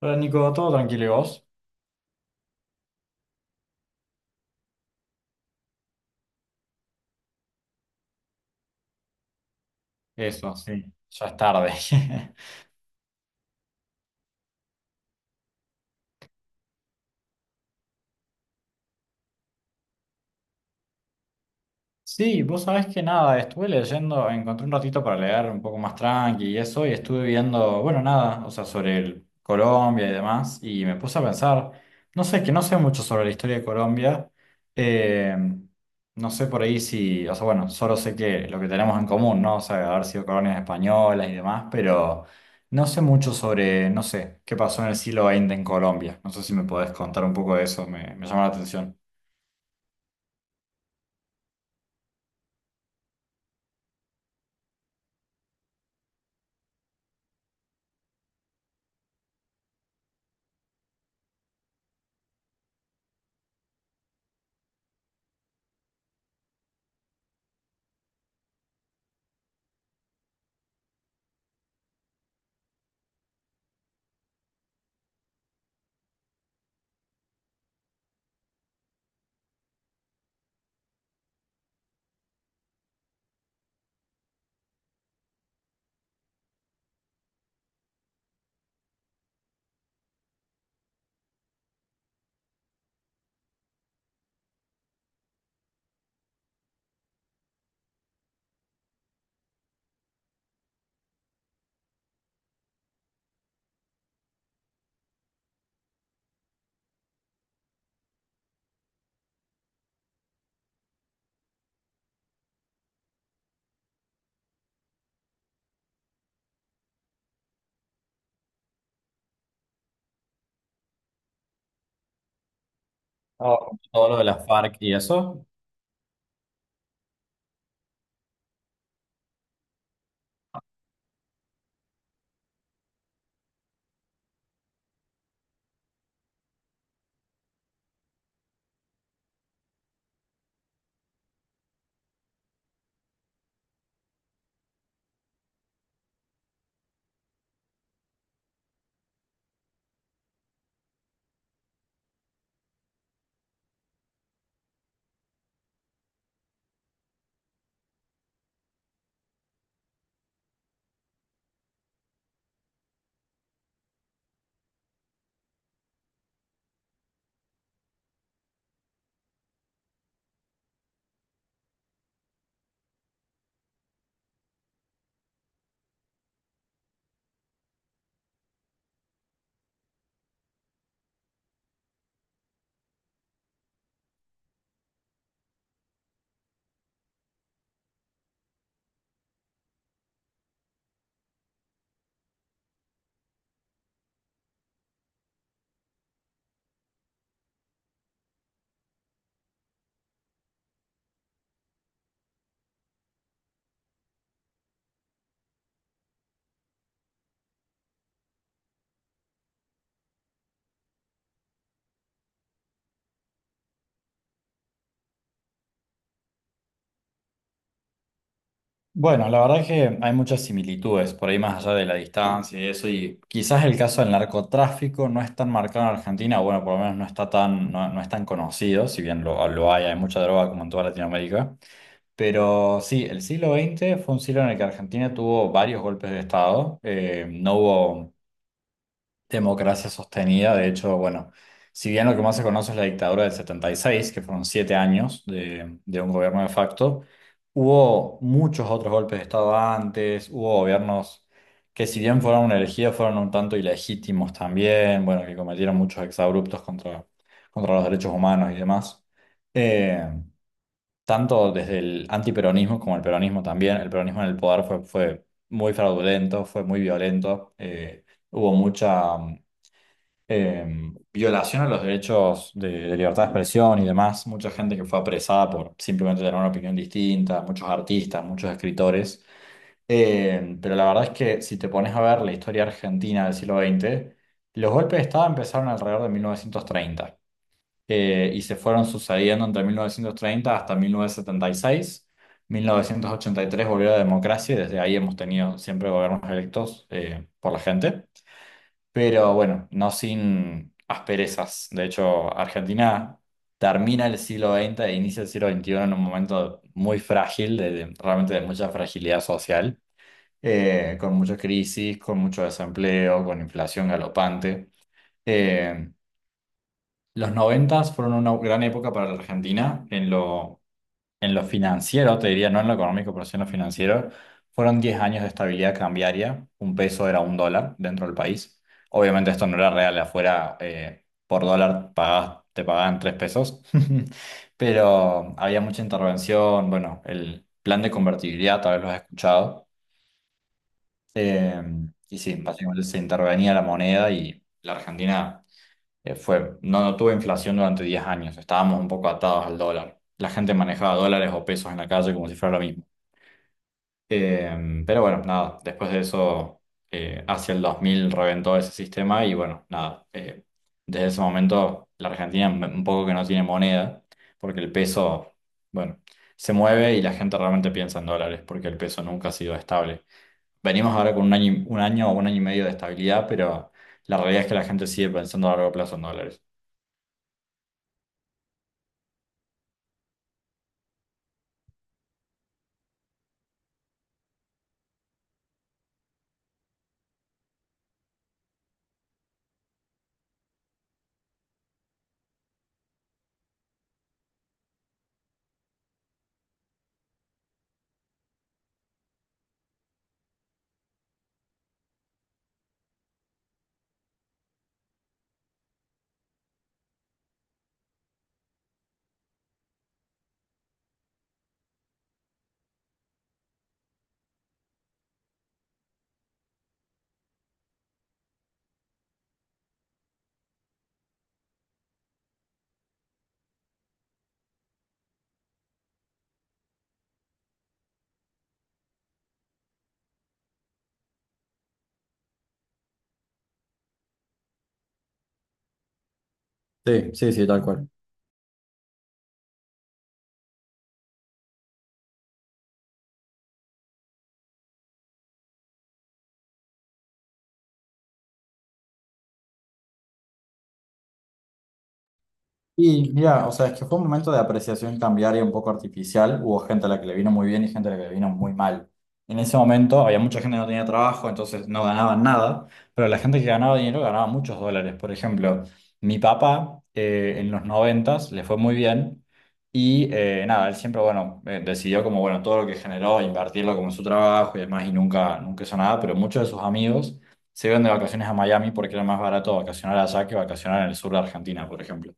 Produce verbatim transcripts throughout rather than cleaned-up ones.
Hola Nico, todo tranquilo, ¿y vos? Eso, sí, ya es tarde. Sí, vos sabés que nada, estuve leyendo, encontré un ratito para leer un poco más tranqui y eso, y estuve viendo, bueno, nada, o sea, sobre el Colombia y demás, y me puse a pensar, no sé, que no sé mucho sobre la historia de Colombia. eh, no sé por ahí si, o sea, bueno, solo sé que lo que tenemos en común, ¿no? O sea, haber sido colonias españolas y demás, pero no sé mucho sobre, no sé, qué pasó en el siglo veinte en Colombia. No sé si me podés contar un poco de eso, me, me llama la atención. Oh, Todo lo de la FARC y eso. Bueno, la verdad es que hay muchas similitudes, por ahí más allá de la distancia y eso, y quizás el caso del narcotráfico no es tan marcado en Argentina, o bueno, por lo menos no está tan, no, no es tan conocido, si bien lo, lo hay, hay mucha droga como en toda Latinoamérica. Pero sí, el siglo veinte fue un siglo en el que Argentina tuvo varios golpes de Estado. Eh, no hubo democracia sostenida. De hecho, bueno, si bien lo que más se conoce es la dictadura del setenta y seis, que fueron siete años de, de un gobierno de facto, hubo muchos otros golpes de Estado antes. Hubo gobiernos que si bien fueron elegidos, fueron un tanto ilegítimos también, bueno, que cometieron muchos exabruptos contra, contra los derechos humanos y demás. Eh, tanto desde el antiperonismo como el peronismo también. El peronismo en el poder fue, fue muy fraudulento, fue muy violento. Eh, hubo mucha, eh, violación a los derechos de, de libertad de expresión y demás. Mucha gente que fue apresada por simplemente tener una opinión distinta, muchos artistas, muchos escritores. Eh, pero la verdad es que si te pones a ver la historia argentina del siglo veinte, los golpes de Estado empezaron alrededor de mil novecientos treinta eh, y se fueron sucediendo entre mil novecientos treinta hasta mil novecientos setenta y seis. mil novecientos ochenta y tres volvió la democracia y desde ahí hemos tenido siempre gobiernos electos eh, por la gente, pero bueno, no sin asperezas. De hecho, Argentina termina el siglo veinte e inicia el siglo veintiuno en un momento muy frágil, de, de- realmente de mucha fragilidad social, eh, con mucha crisis, con mucho desempleo, con inflación galopante. Eh, los noventas fueron una gran época para la Argentina en lo, en lo financiero, te diría, no en lo económico, pero sí en lo financiero. Fueron diez años de estabilidad cambiaria, un peso era un dólar dentro del país. Obviamente esto no era real. Afuera eh, por dólar pagabas- te pagaban tres pesos, pero había mucha intervención, bueno, el plan de convertibilidad, tal vez lo has escuchado. Eh, y sí, básicamente se intervenía la moneda y la Argentina... Eh, fue, no, no tuve inflación durante diez años, estábamos un poco atados al dólar. La gente manejaba dólares o pesos en la calle como si fuera lo mismo. Eh, pero bueno, nada, después de eso, eh, hacia el dos mil reventó ese sistema y bueno, nada. Eh, desde ese momento la Argentina m- un poco que no tiene moneda, porque el peso, bueno, se mueve y la gente realmente piensa en dólares, porque el peso nunca ha sido estable. Venimos ahora con un año, y- un año o un año y medio de estabilidad, pero la realidad es que la gente sigue pensando a largo plazo en dólares. Sí, sí, sí, tal cual. Y mira, o sea, es que fue un momento de apreciación cambiaria un poco artificial. Hubo gente a la que le vino muy bien y gente a la que le vino muy mal. En ese momento había mucha gente que no tenía trabajo, entonces no ganaban nada, pero la gente que ganaba dinero ganaba muchos dólares. Por ejemplo, mi papá, eh, en los noventas le fue muy bien y eh, nada, él siempre, bueno, eh, decidió como, bueno, todo lo que generó, invertirlo como en su trabajo y demás, y nunca, nunca hizo nada, pero muchos de sus amigos se iban de vacaciones a Miami, porque era más barato vacacionar allá que vacacionar en el sur de Argentina, por ejemplo.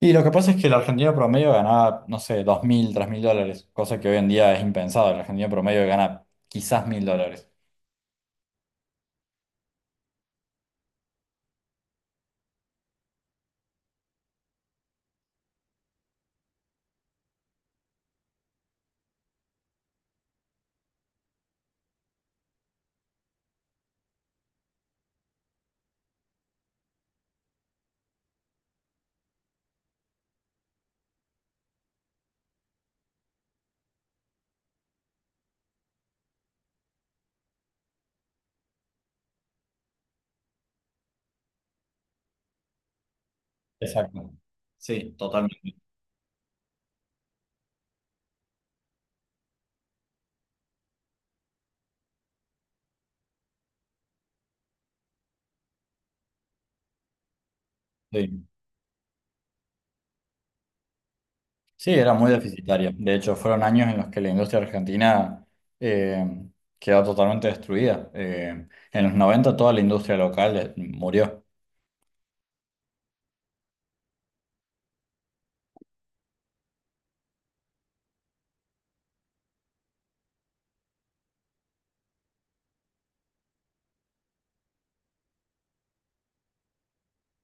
Y lo que pasa es que el argentino promedio ganaba, no sé, dos mil, tres mil dólares, cosa que hoy en día es impensado. El argentino promedio gana quizás mil dólares. Exacto. Sí, totalmente. Sí. Sí, era muy deficitario. De hecho, fueron años en los que la industria argentina eh, quedó totalmente destruida. Eh, en los noventa toda la industria local eh, murió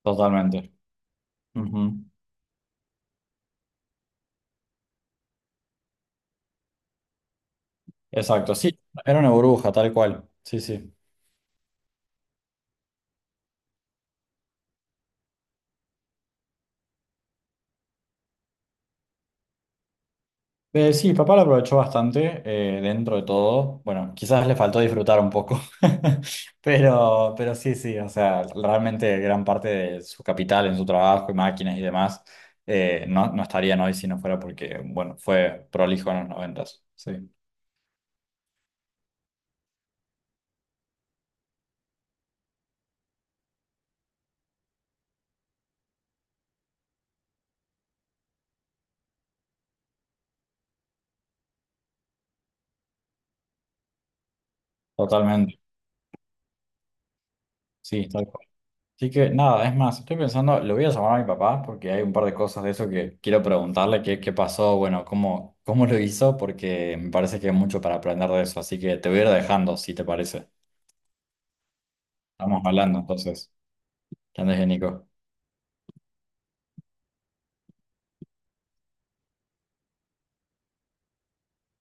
totalmente. Ujú. Exacto, sí, era una burbuja, tal cual. Sí, sí. Eh, sí, papá lo aprovechó bastante eh, dentro de todo. Bueno, quizás le faltó disfrutar un poco, pero, pero sí, sí, o sea, realmente gran parte de su capital en su trabajo y máquinas y demás eh, no, no estarían hoy si no fuera porque, bueno, fue prolijo en los noventas. Sí, totalmente. Sí, tal. Así que nada, es más, estoy pensando, lo voy a llamar a mi papá porque hay un par de cosas de eso que quiero preguntarle qué, qué pasó, bueno, cómo, cómo lo hizo, porque me parece que hay mucho para aprender de eso. Así que te voy a ir dejando, si te parece. Estamos hablando entonces. Que andes bien, Nico.